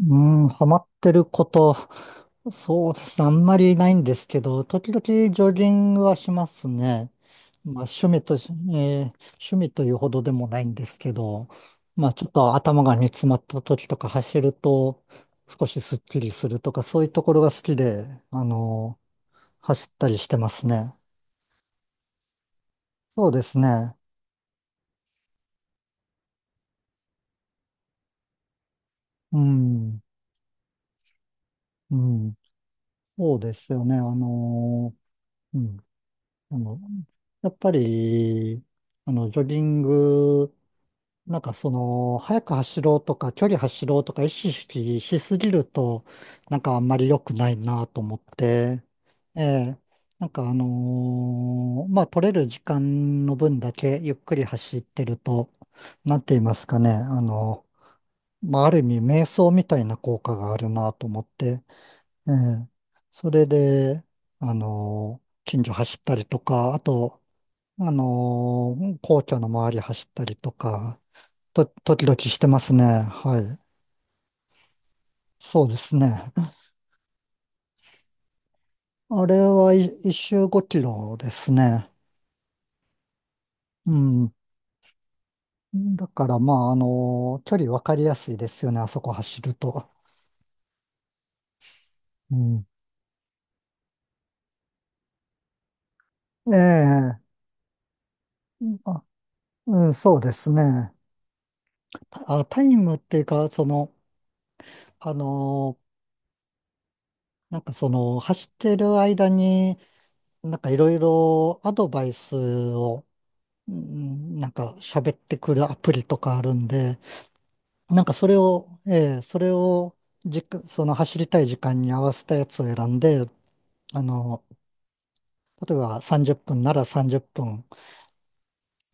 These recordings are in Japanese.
うん、ハマってること、そうですね、あんまりないんですけど、時々ジョギングはしますね。まあ、趣味というほどでもないんですけど、まあ、ちょっと頭が煮詰まった時とか走ると、少しスッキリするとか、そういうところが好きで、走ったりしてますね。そうですね。うん、うん、そうですよね。うん。あのやっぱり、ジョギング、速く走ろうとか、距離走ろうとか意識しすぎると、なんかあんまり良くないなと思って、ええ、まあ、取れる時間の分だけゆっくり走ってると、なんて言いますかね、まあ、ある意味瞑想みたいな効果があるなと思って、ええ、それで、近所走ったりとか、あと、皇居の周り走ったりとか、時々してますね。はい。そうですね。あれはい一周5キロですね。うん。だから、まあ、距離分かりやすいですよね。あそこ走ると。うん。ええ。あ、うん、そうですね。あ、タイムっていうか、その、あのーなんかその、走ってる間に、なんかいろいろアドバイスを、うん、なんか喋ってくるアプリとかあるんで、なんかそれを、ええ、それをじか、その走りたい時間に合わせたやつを選んで、あの、例えば30分なら30分、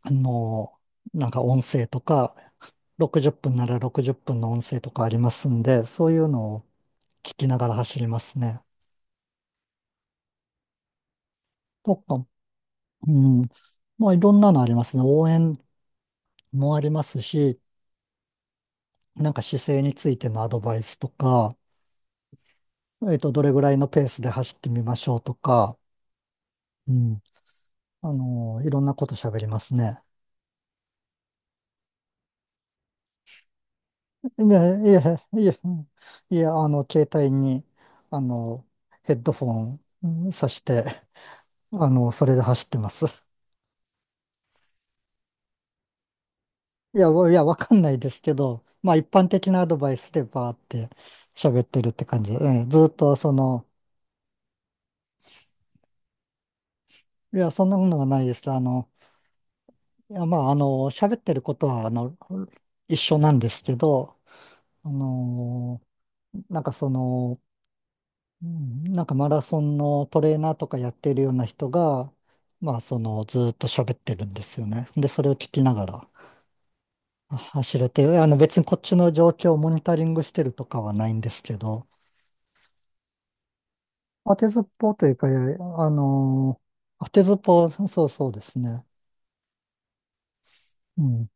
あの、なんか音声とか、60分なら60分の音声とかありますんで、そういうのを聞きながら走りますね。とか、うん、まあいろんなのありますね。応援もありますし、なんか姿勢についてのアドバイスとか、えっと、どれぐらいのペースで走ってみましょうとか、うん。あの、いろんなこと喋りますね。いや、いや、いや、うんいや、あの、携帯に、あの、ヘッドフォン、うん挿して、あの、それで走ってます。いや、わかんないですけど、まあ、一般的なアドバイスでバーって喋ってるって感じ。うん、ずっと、その、いや、そんなものはないです。あの、いや、まあ、あの、喋ってることは、あの、一緒なんですけど、あのなんかその、うんなんかマラソンのトレーナーとかやってるような人が、まあそのずーっと喋ってるんですよね。で、それを聞きながら走れて、あの別にこっちの状況をモニタリングしてるとかはないんですけど、当てずっぽうというか、あの、当てずっぽう、そうそうですね。うん。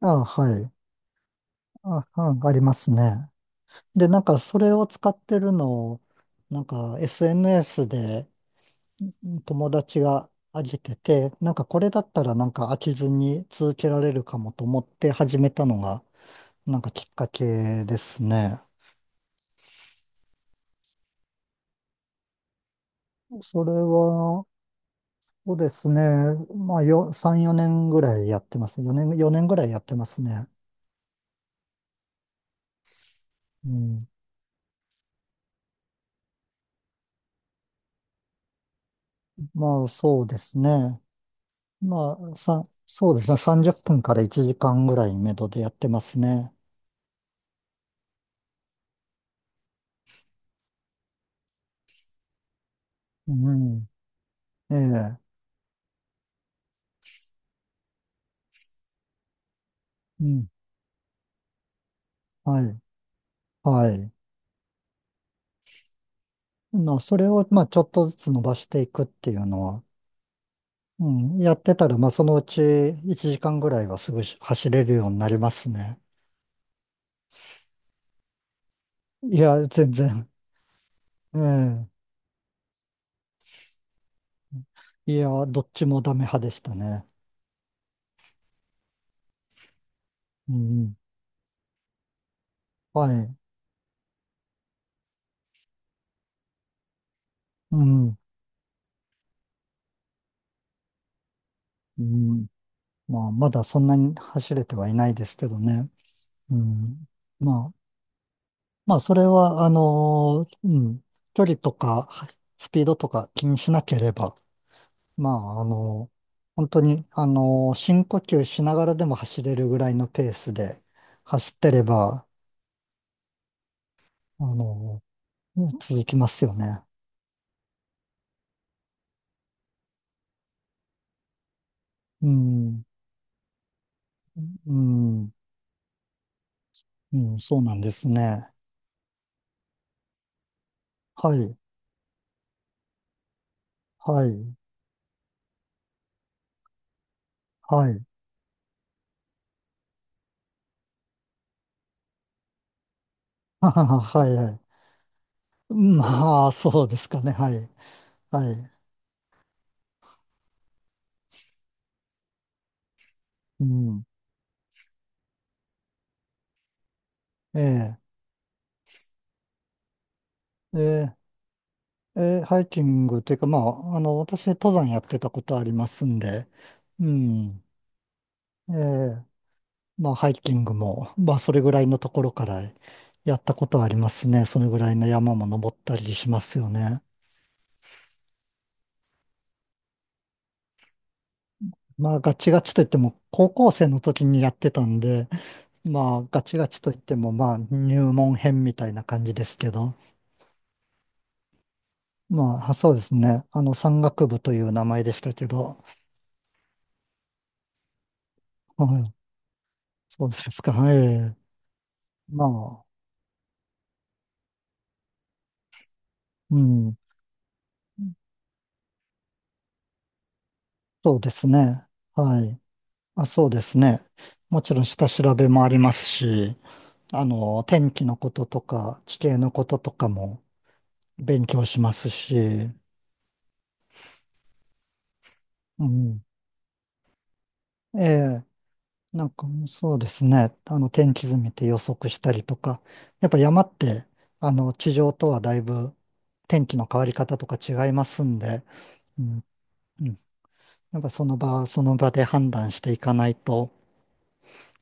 あ、はい。あ、うん、ありますね。で、なんかそれを使ってるのを、なんか SNS で友達があげてて、なんかこれだったらなんか飽きずに続けられるかもと思って始めたのが、なんかきっかけですね。それは、そうですね。3、4年ぐらいやってます。4年ぐらいやってますね。うん。まあ、そうですね。そうですね。30分から1時間ぐらいめどでやってますね。うん。ええ。うん。はい。はい。まあ、それを、まあ、ちょっとずつ伸ばしていくっていうのは、うん、やってたら、まあ、そのうち1時間ぐらいはすぐ走れるようになりますね。いや、全然。ええ。いや、どっちもダメ派でしたね。うん。はい。うん。うん。まあ、まだそんなに走れてはいないですけどね。うん。まあ、まあ、それは、うん。距離とか、スピードとか気にしなければ、まあ、あの、本当に、あの、深呼吸しながらでも走れるぐらいのペースで走ってれば、あの、続きますよね。うん、うん、うん、そうなんですね。はい、はい、はい。ははははい、はい。まあ、そうですかね。はい、はい。うん、ええ、ええ、ええハイキングというか、まあ、あの、私、登山やってたことありますんで、うん、ええまあ、ハイキングも、まあ、それぐらいのところからやったことはありますね。そのぐらいの山も登ったりしますよね。まあ、ガチガチといっても、高校生の時にやってたんで、まあ、ガチガチといっても、まあ、入門編みたいな感じですけど、まあ、そうですね。あの、山岳部という名前でしたけど、はい、そうですか。はい。まあ、うん、そうですね。はい。あ、そうですね。もちろん下調べもありますし、あの、天気のこととか、地形のこととかも勉強しますし、うん。ええ、なんかそうですね。あの、天気図見て予測したりとか、やっぱ山って、あの、地上とはだいぶ天気の変わり方とか違いますんで、うん、うん。やっぱその場、その場で判断していかないと、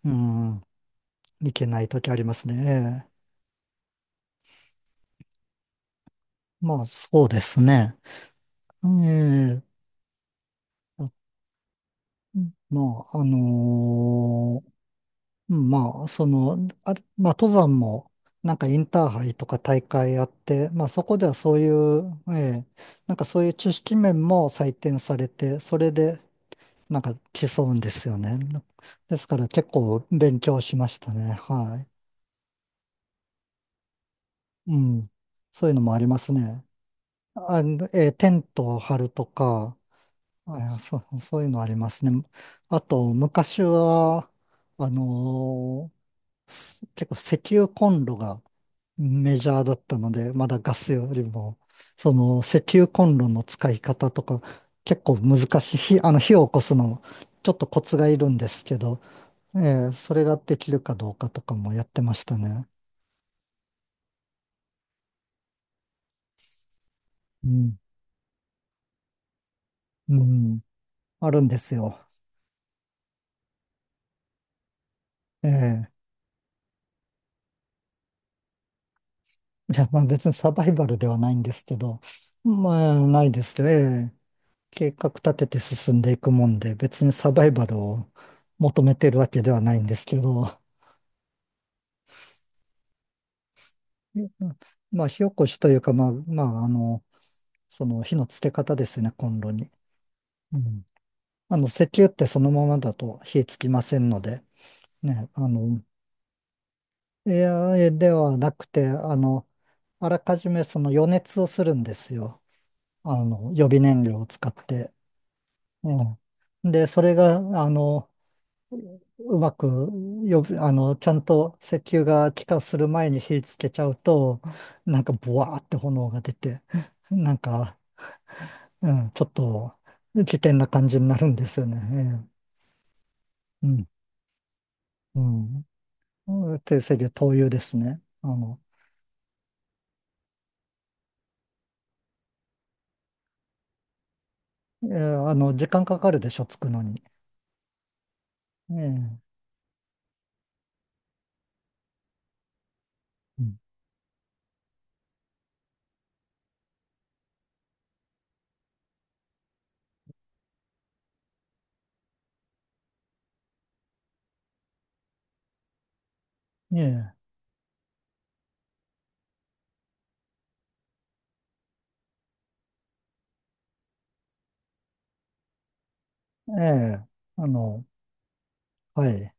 うん、いけない時ありますね。ええまあ、そうですね。ええ、まあ、あのーまあ、その、あれまあ、登山も、なんかインターハイとか大会あって、まあ、そこではそういう、ええ、なんかそういう知識面も採点されて、それで、なんか競うんですよね。ですから結構勉強しましたね。はい。うん。そういうのもありますね。あの、えーテントを張るとか、あ、そう、そういうのありますね。あと、昔は、あのーす結構石油コンロが、メジャーだったので、まだガスよりも、その石油コンロの使い方とか、結構難しい、あの火を起こすの、ちょっとコツがいるんですけど、えーそれができるかどうかとかもやってましたね。うん、うん、あるんですよ。ええいや、まあ別にサバイバルではないんですけど、まあないですよ。ええ計画立てて進んでいくもんで、別にサバイバルを求めてるわけではないんですけど、えうんまあ、火起こしというか、まあ、まあ、あの、その火のつけ方ですね、コンロに。うん。あの、石油ってそのままだと火つきませんので、ね、あの、エアエではなくて、あの、あらかじめその予熱をするんですよ。あの、予備燃料を使って。うん。で、それが、あの、うまく、予備あの、ちゃんと石油が気化する前に火つけちゃうと、なんか、ボワーって炎が出て、なんか、うん、ちょっと危険な感じになるんですよね。ええうん、うん。定石灯油ですね。あの、ええあの、時間かかるでしょ、つくのに。ええうんええええあの、はい。